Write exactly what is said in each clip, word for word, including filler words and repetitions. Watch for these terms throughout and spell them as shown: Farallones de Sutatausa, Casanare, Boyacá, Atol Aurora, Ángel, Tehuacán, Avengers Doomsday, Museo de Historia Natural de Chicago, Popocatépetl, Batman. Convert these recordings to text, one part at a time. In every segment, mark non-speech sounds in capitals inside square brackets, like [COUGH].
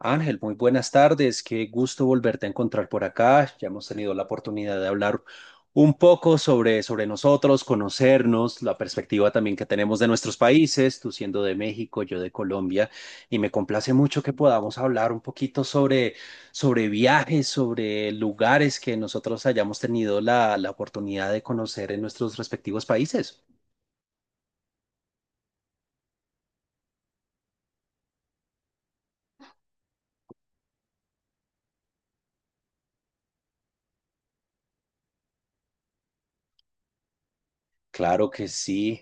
Ángel, muy buenas tardes. Qué gusto volverte a encontrar por acá. Ya hemos tenido la oportunidad de hablar un poco sobre, sobre nosotros, conocernos, la perspectiva también que tenemos de nuestros países, tú siendo de México, yo de Colombia, y me complace mucho que podamos hablar un poquito sobre, sobre viajes, sobre lugares que nosotros hayamos tenido la, la oportunidad de conocer en nuestros respectivos países. Claro que sí.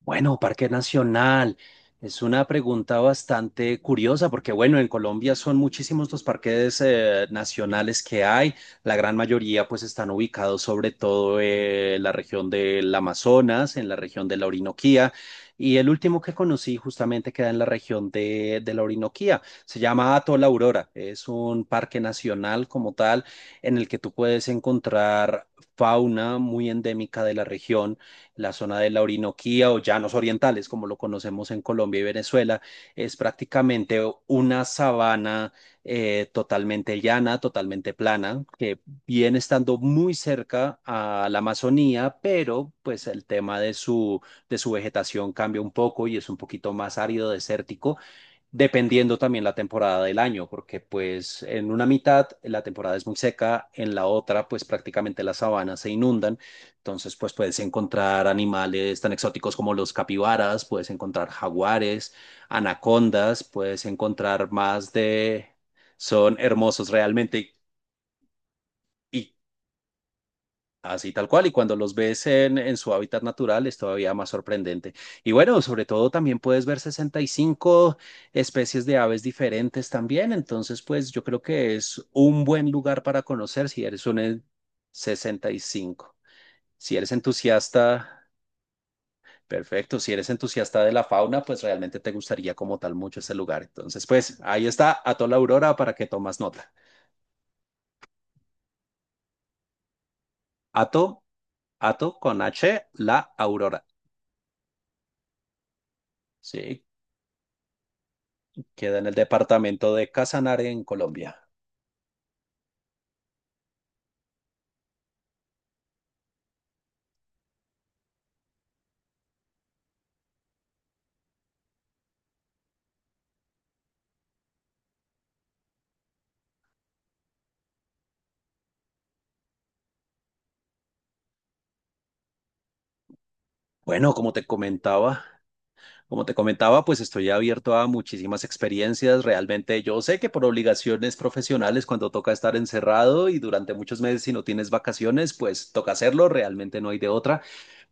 Bueno, Parque Nacional es una pregunta bastante curiosa porque, bueno, en Colombia son muchísimos los parques eh, nacionales que hay. La gran mayoría pues están ubicados sobre todo eh, en la región del Amazonas, en la región de la Orinoquía. Y el último que conocí justamente queda en la región de, de la Orinoquía. Se llama Atol Aurora. Es un parque nacional como tal en el que tú puedes encontrar fauna muy endémica de la región, la zona de la Orinoquía o llanos orientales, como lo conocemos en Colombia y Venezuela, es prácticamente una sabana eh, totalmente llana, totalmente plana, que viene estando muy cerca a la Amazonía, pero pues el tema de su, de su vegetación cambia un poco y es un poquito más árido, desértico, dependiendo también la temporada del año, porque pues en una mitad la temporada es muy seca, en la otra pues prácticamente las sabanas se inundan, entonces pues puedes encontrar animales tan exóticos como los capibaras, puedes encontrar jaguares, anacondas, puedes encontrar más de... Son hermosos realmente. y Así tal cual, y cuando los ves en, en, su hábitat natural es todavía más sorprendente. Y bueno, sobre todo también puedes ver sesenta y cinco especies de aves diferentes también, entonces pues yo creo que es un buen lugar para conocer si eres un en- sesenta y cinco. Si eres entusiasta, perfecto, si eres entusiasta de la fauna, pues realmente te gustaría como tal mucho ese lugar. Entonces pues ahí está Ato la Aurora para que tomas nota. Ato, Ato con H, la Aurora. Sí. Queda en el departamento de Casanare, en Colombia. Bueno, como te comentaba, como te comentaba, pues estoy abierto a muchísimas experiencias. Realmente yo sé que por obligaciones profesionales, cuando toca estar encerrado y durante muchos meses si no tienes vacaciones, pues toca hacerlo, realmente no hay de otra.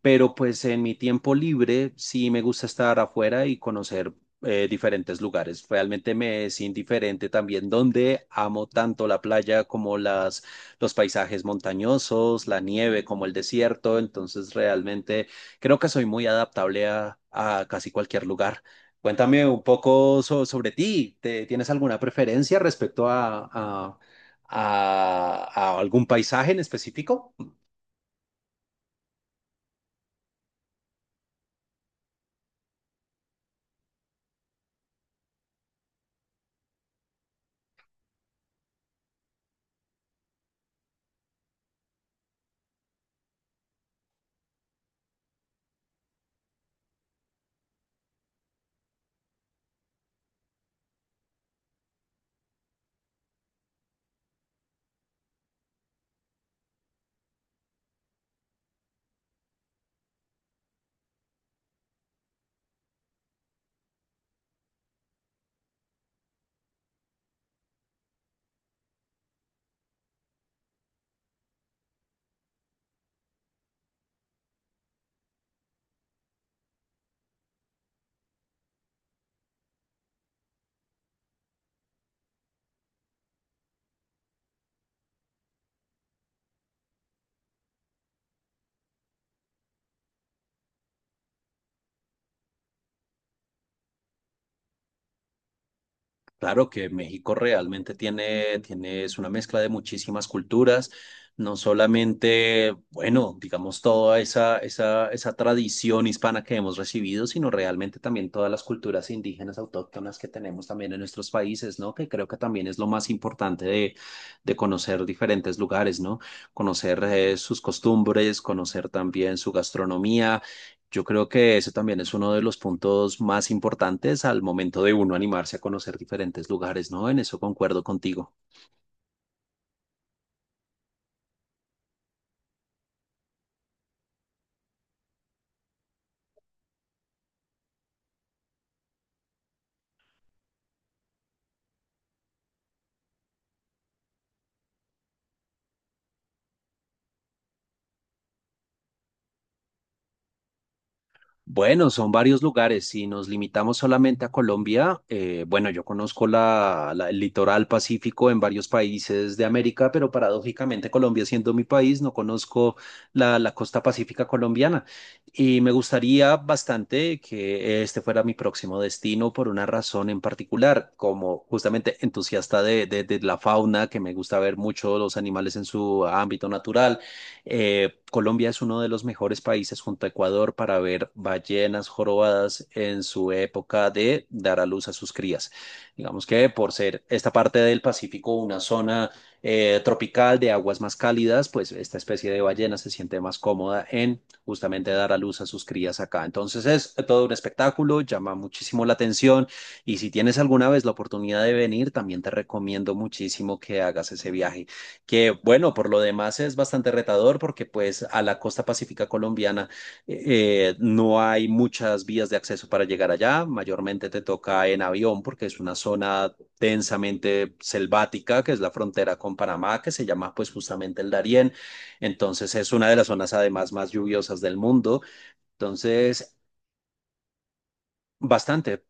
Pero pues en mi tiempo libre sí me gusta estar afuera y conocer eh, diferentes lugares. Realmente me es indiferente también donde amo tanto la playa como las, los paisajes montañosos, la nieve como el desierto, entonces realmente creo que soy muy adaptable a, a casi cualquier lugar. Cuéntame un poco so- sobre ti. ¿Te- ¿Tienes alguna preferencia respecto a, a, a a algún paisaje en específico? Claro que México realmente tiene, tiene, es una mezcla de muchísimas culturas, no solamente, bueno, digamos, toda esa, esa, esa tradición hispana que hemos recibido, sino realmente también todas las culturas indígenas autóctonas que tenemos también en nuestros países, ¿no? Que creo que también es lo más importante de, de conocer diferentes lugares, ¿no? Conocer eh, sus costumbres, conocer también su gastronomía. Yo creo que eso también es uno de los puntos más importantes al momento de uno animarse a conocer diferentes lugares, ¿no? En eso concuerdo contigo. Bueno, son varios lugares. Si nos limitamos solamente a Colombia, eh, bueno, yo conozco la, la- el litoral pacífico en varios países de América, pero paradójicamente Colombia siendo mi país, no conozco la, la costa pacífica colombiana. Y me gustaría bastante que este fuera mi próximo destino por una razón en particular: como justamente entusiasta de, de de la fauna, que me gusta ver mucho los animales en su ámbito natural, eh, Colombia es uno de los mejores países junto a Ecuador para ver ballenas jorobadas en su época de dar a luz a sus crías. Digamos que por ser esta parte del Pacífico una zona eh, tropical de aguas más cálidas, pues esta especie de ballena se siente más cómoda en justamente dar a luz a sus crías acá. Entonces es todo un espectáculo, llama muchísimo la atención, y si tienes alguna vez la oportunidad de venir, también te recomiendo muchísimo que hagas ese viaje, que, bueno, por lo demás es bastante retador porque pues a la costa pacífica colombiana eh, eh, no hay muchas vías de acceso para llegar allá, mayormente te toca en avión porque es una zona densamente selvática que es la frontera con Panamá que se llama pues justamente el Darién, entonces es una de las zonas además más lluviosas del mundo, entonces bastante.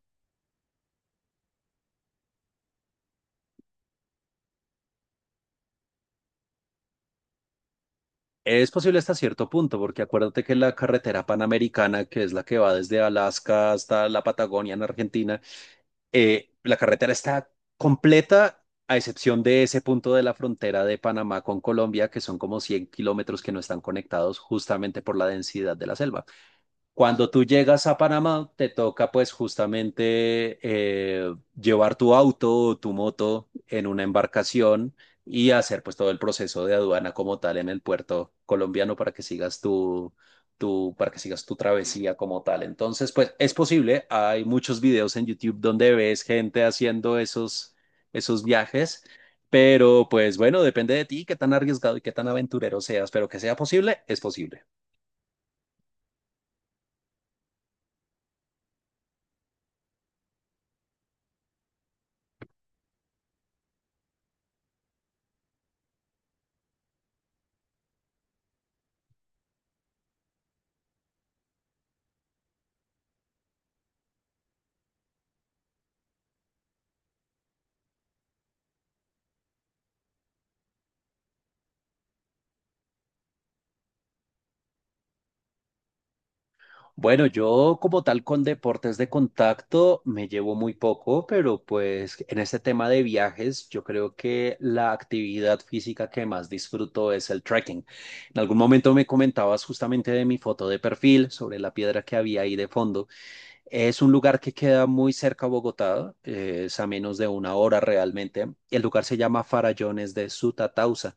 Es posible hasta cierto punto, porque acuérdate que la carretera panamericana, que es la que va desde Alaska hasta la Patagonia en Argentina, eh, la carretera está completa, a excepción de ese punto de la frontera de Panamá con Colombia, que son como cien kilómetros que no están conectados justamente por la densidad de la selva. Cuando tú llegas a Panamá, te toca pues justamente eh, llevar tu auto o tu moto en una embarcación y hacer pues todo el proceso de aduana como tal en el puerto colombiano para que sigas tu, tu, para que sigas tu travesía como tal. Entonces, pues es posible, hay muchos videos en YouTube donde ves gente haciendo esos, esos viajes, pero pues bueno, depende de ti qué tan arriesgado y qué tan aventurero seas, pero que sea posible, es posible. Bueno, yo como tal con deportes de contacto me llevo muy poco, pero pues en este tema de viajes yo creo que la actividad física que más disfruto es el trekking. En algún momento me comentabas justamente de mi foto de perfil, sobre la piedra que había ahí de fondo. Es un lugar que queda muy cerca a Bogotá, eh, es a menos de una hora realmente. El lugar se llama Farallones de Sutatausa.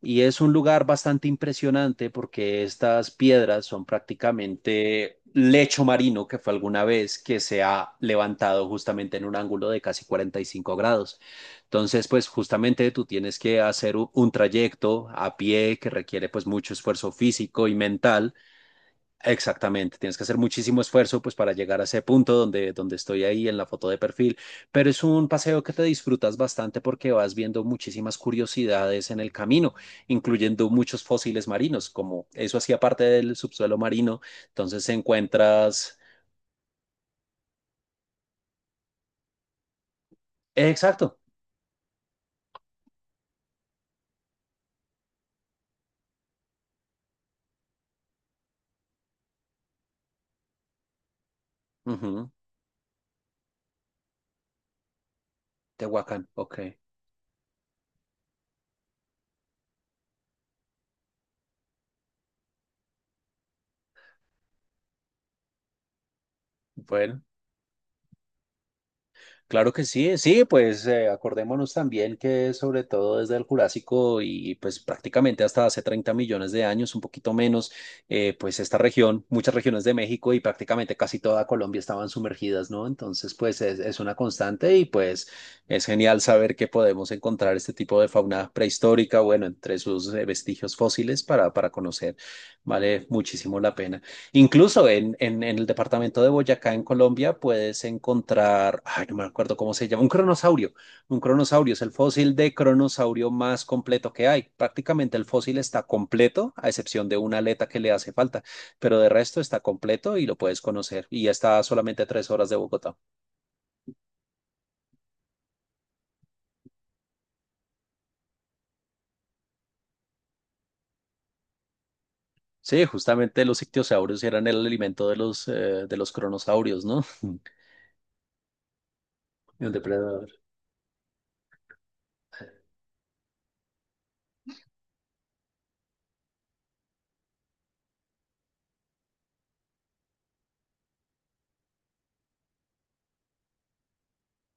Y es un lugar bastante impresionante porque estas piedras son prácticamente lecho marino que fue alguna vez que se ha levantado justamente en un ángulo de casi cuarenta y cinco grados. Entonces, pues justamente tú tienes que hacer u- un trayecto a pie que requiere pues mucho esfuerzo físico y mental. Exactamente, tienes que hacer muchísimo esfuerzo pues para llegar a ese punto donde, donde estoy ahí en la foto de perfil, pero es un paseo que te disfrutas bastante porque vas viendo muchísimas curiosidades en el camino, incluyendo muchos fósiles marinos, como eso hacía parte del subsuelo marino, entonces encuentras... Exacto, ujú, Tehuacán, ok, bueno. Claro que sí, sí, pues eh, acordémonos también que sobre todo desde el Jurásico y pues prácticamente hasta hace treinta millones de años, un poquito menos, eh, pues esta región, muchas regiones de México y prácticamente casi toda Colombia estaban sumergidas, ¿no? Entonces, pues es, es una constante y pues es genial saber que podemos encontrar este tipo de fauna prehistórica, bueno, entre sus eh, vestigios fósiles para, para conocer, vale muchísimo la pena. Incluso en, en, en el departamento de Boyacá, en Colombia, puedes encontrar, ay, no me acuerdo cómo se llama, un cronosaurio. Un cronosaurio es el fósil de cronosaurio más completo que hay. Prácticamente el fósil está completo, a excepción de una aleta que le hace falta, pero de resto está completo y lo puedes conocer. Y ya está a solamente tres horas de Bogotá. Sí, justamente los ictiosaurios eran el alimento de los, eh, de los cronosaurios, ¿no? [LAUGHS] El depredador.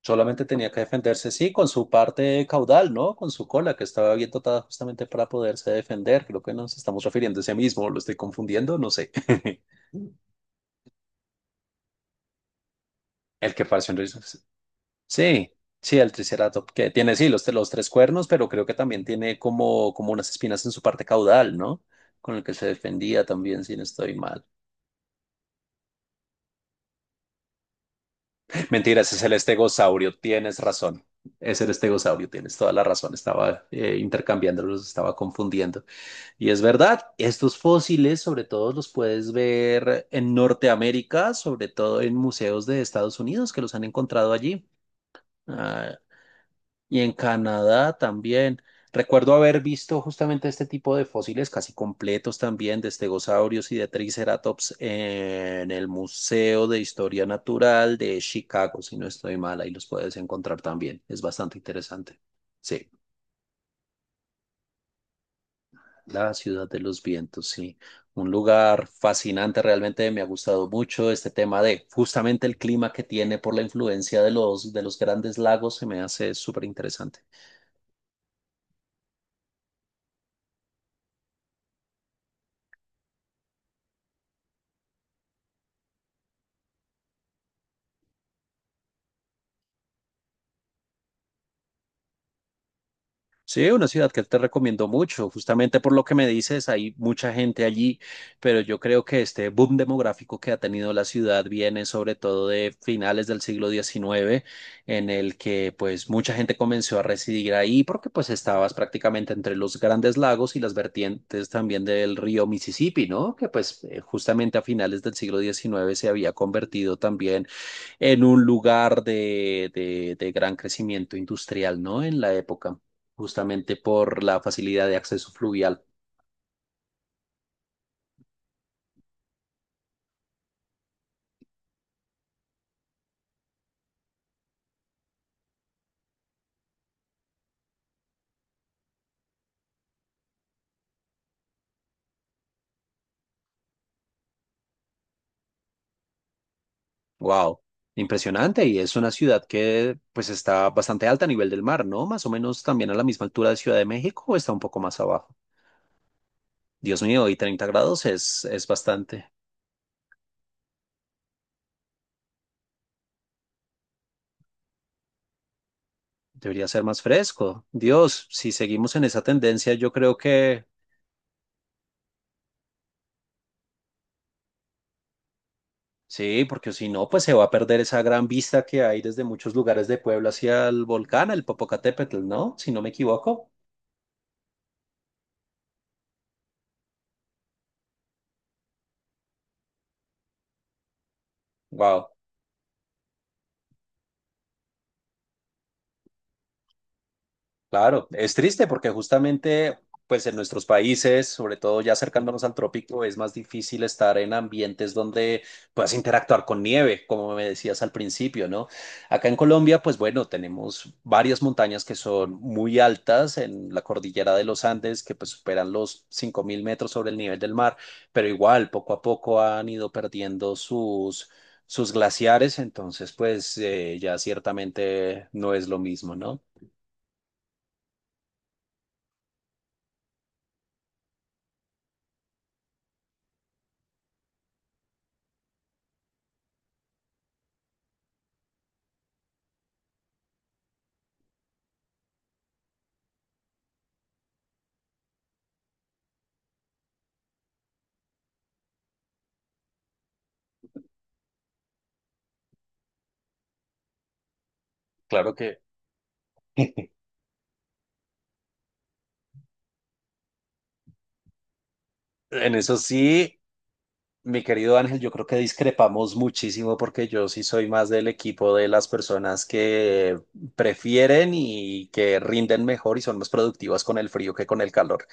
Solamente tenía que defenderse, sí, con su parte caudal, ¿no? Con su cola, que estaba bien dotada justamente para poderse defender. Creo que nos estamos refiriendo a ese mismo, lo estoy confundiendo, no sé. [LAUGHS] El que pareció un Triceratops. Sí, sí, el Triceratops, que tiene, sí, los, los tres cuernos, pero creo que también tiene como, como, unas espinas en su parte caudal, ¿no? Con el que se defendía también, si no estoy mal. [LAUGHS] Mentira, ese es el estegosaurio, tienes razón. Es el estegosaurio, tienes toda la razón. Estaba eh, intercambiándolos, estaba confundiendo. Y es verdad, estos fósiles sobre todo los puedes ver en Norteamérica, sobre todo en museos de Estados Unidos que los han encontrado allí. Ah, y en Canadá también. Recuerdo haber visto justamente este tipo de fósiles casi completos también de estegosaurios y de triceratops en el Museo de Historia Natural de Chicago, si no estoy mal, ahí los puedes encontrar también. Es bastante interesante. Sí. La ciudad de los vientos, sí. Un lugar fascinante, realmente me ha gustado mucho este tema de justamente el clima que tiene por la influencia de los, de los grandes lagos, se me hace súper interesante. Sí, una ciudad que te recomiendo mucho, justamente por lo que me dices, hay mucha gente allí, pero yo creo que este boom demográfico que ha tenido la ciudad viene sobre todo de finales del siglo diecinueve, en el que pues mucha gente comenzó a residir ahí porque pues estabas prácticamente entre los grandes lagos y las vertientes también del río Mississippi, ¿no? Que pues eh, justamente a finales del siglo diecinueve se había convertido también en un lugar de, de, de gran crecimiento industrial, ¿no? En la época, justamente por la facilidad de acceso fluvial. Wow, impresionante. Y es una ciudad que pues está bastante alta a nivel del mar, ¿no? Más o menos también a la misma altura de Ciudad de México, o está un poco más abajo. Dios mío, y treinta grados es, es bastante. Debería ser más fresco. Dios, si seguimos en esa tendencia, yo creo que sí, porque si no, pues se va a perder esa gran vista que hay desde muchos lugares de Puebla hacia el volcán, el Popocatépetl, ¿no? Si no me equivoco. Wow. Claro, es triste porque justamente, pues en nuestros países, sobre todo ya acercándonos al trópico, es más difícil estar en ambientes donde puedas interactuar con nieve, como me decías al principio, ¿no? Acá en Colombia, pues bueno, tenemos varias montañas que son muy altas en la cordillera de los Andes, que pues superan los cinco mil metros sobre el nivel del mar, pero igual, poco a poco han ido perdiendo sus... sus glaciares, entonces pues eh, ya ciertamente no es lo mismo, ¿no? Claro que [LAUGHS] en eso sí, mi querido Ángel, yo creo que discrepamos muchísimo porque yo sí soy más del equipo de las personas que prefieren y que rinden mejor y son más productivas con el frío que con el calor.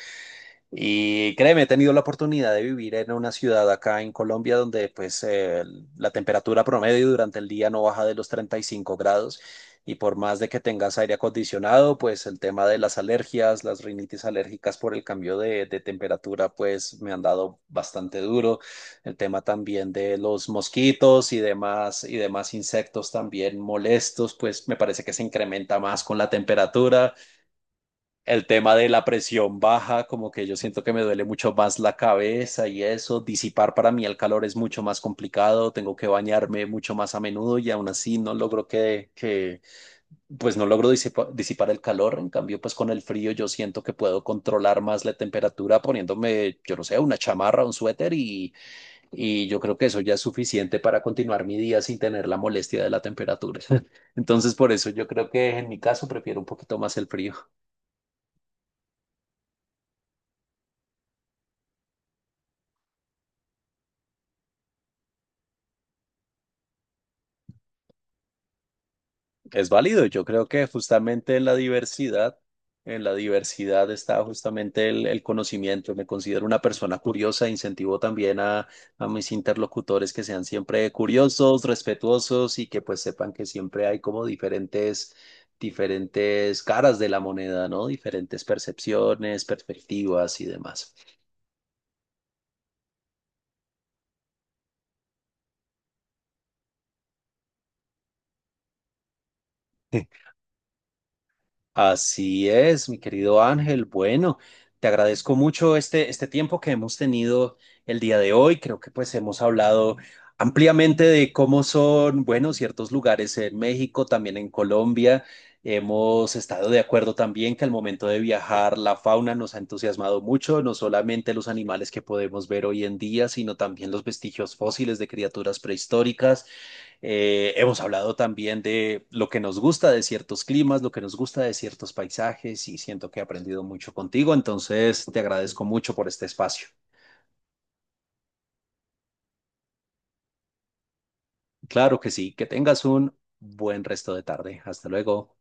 Y créeme, he tenido la oportunidad de vivir en una ciudad acá en Colombia donde pues eh, la temperatura promedio durante el día no baja de los treinta y cinco grados y por más de que tengas aire acondicionado, pues el tema de las alergias, las rinitis alérgicas por el cambio de, de temperatura pues me han dado bastante duro. El tema también de los mosquitos y demás y demás insectos también molestos, pues me parece que se incrementa más con la temperatura. El tema de la presión baja, como que yo siento que me duele mucho más la cabeza y eso, disipar para mí el calor es mucho más complicado, tengo que bañarme mucho más a menudo y aún así no logro que, que pues no logro disipa- disipar el calor, en cambio pues con el frío yo siento que puedo controlar más la temperatura poniéndome, yo no sé, una chamarra, un suéter y, y yo creo que eso ya es suficiente para continuar mi día sin tener la molestia de la temperatura. [LAUGHS] Entonces por eso yo creo que en mi caso prefiero un poquito más el frío. Es válido, yo creo que justamente en la diversidad, en la diversidad está justamente el, el conocimiento. Me considero una persona curiosa, incentivo también a, a mis interlocutores que sean siempre curiosos, respetuosos y que pues sepan que siempre hay como diferentes, diferentes caras de la moneda, ¿no? Diferentes percepciones, perspectivas y demás. [LAUGHS] Así es, mi querido Ángel. Bueno, te agradezco mucho este, este tiempo que hemos tenido el día de hoy. Creo que pues hemos hablado ampliamente de cómo son, bueno, ciertos lugares en México, también en Colombia. Hemos estado de acuerdo también que al momento de viajar la fauna nos ha entusiasmado mucho, no solamente los animales que podemos ver hoy en día, sino también los vestigios fósiles de criaturas prehistóricas. Eh, hemos hablado también de lo que nos gusta de ciertos climas, lo que nos gusta de ciertos paisajes y siento que he aprendido mucho contigo, entonces te agradezco mucho por este espacio. Claro que sí, que tengas un buen resto de tarde. Hasta luego.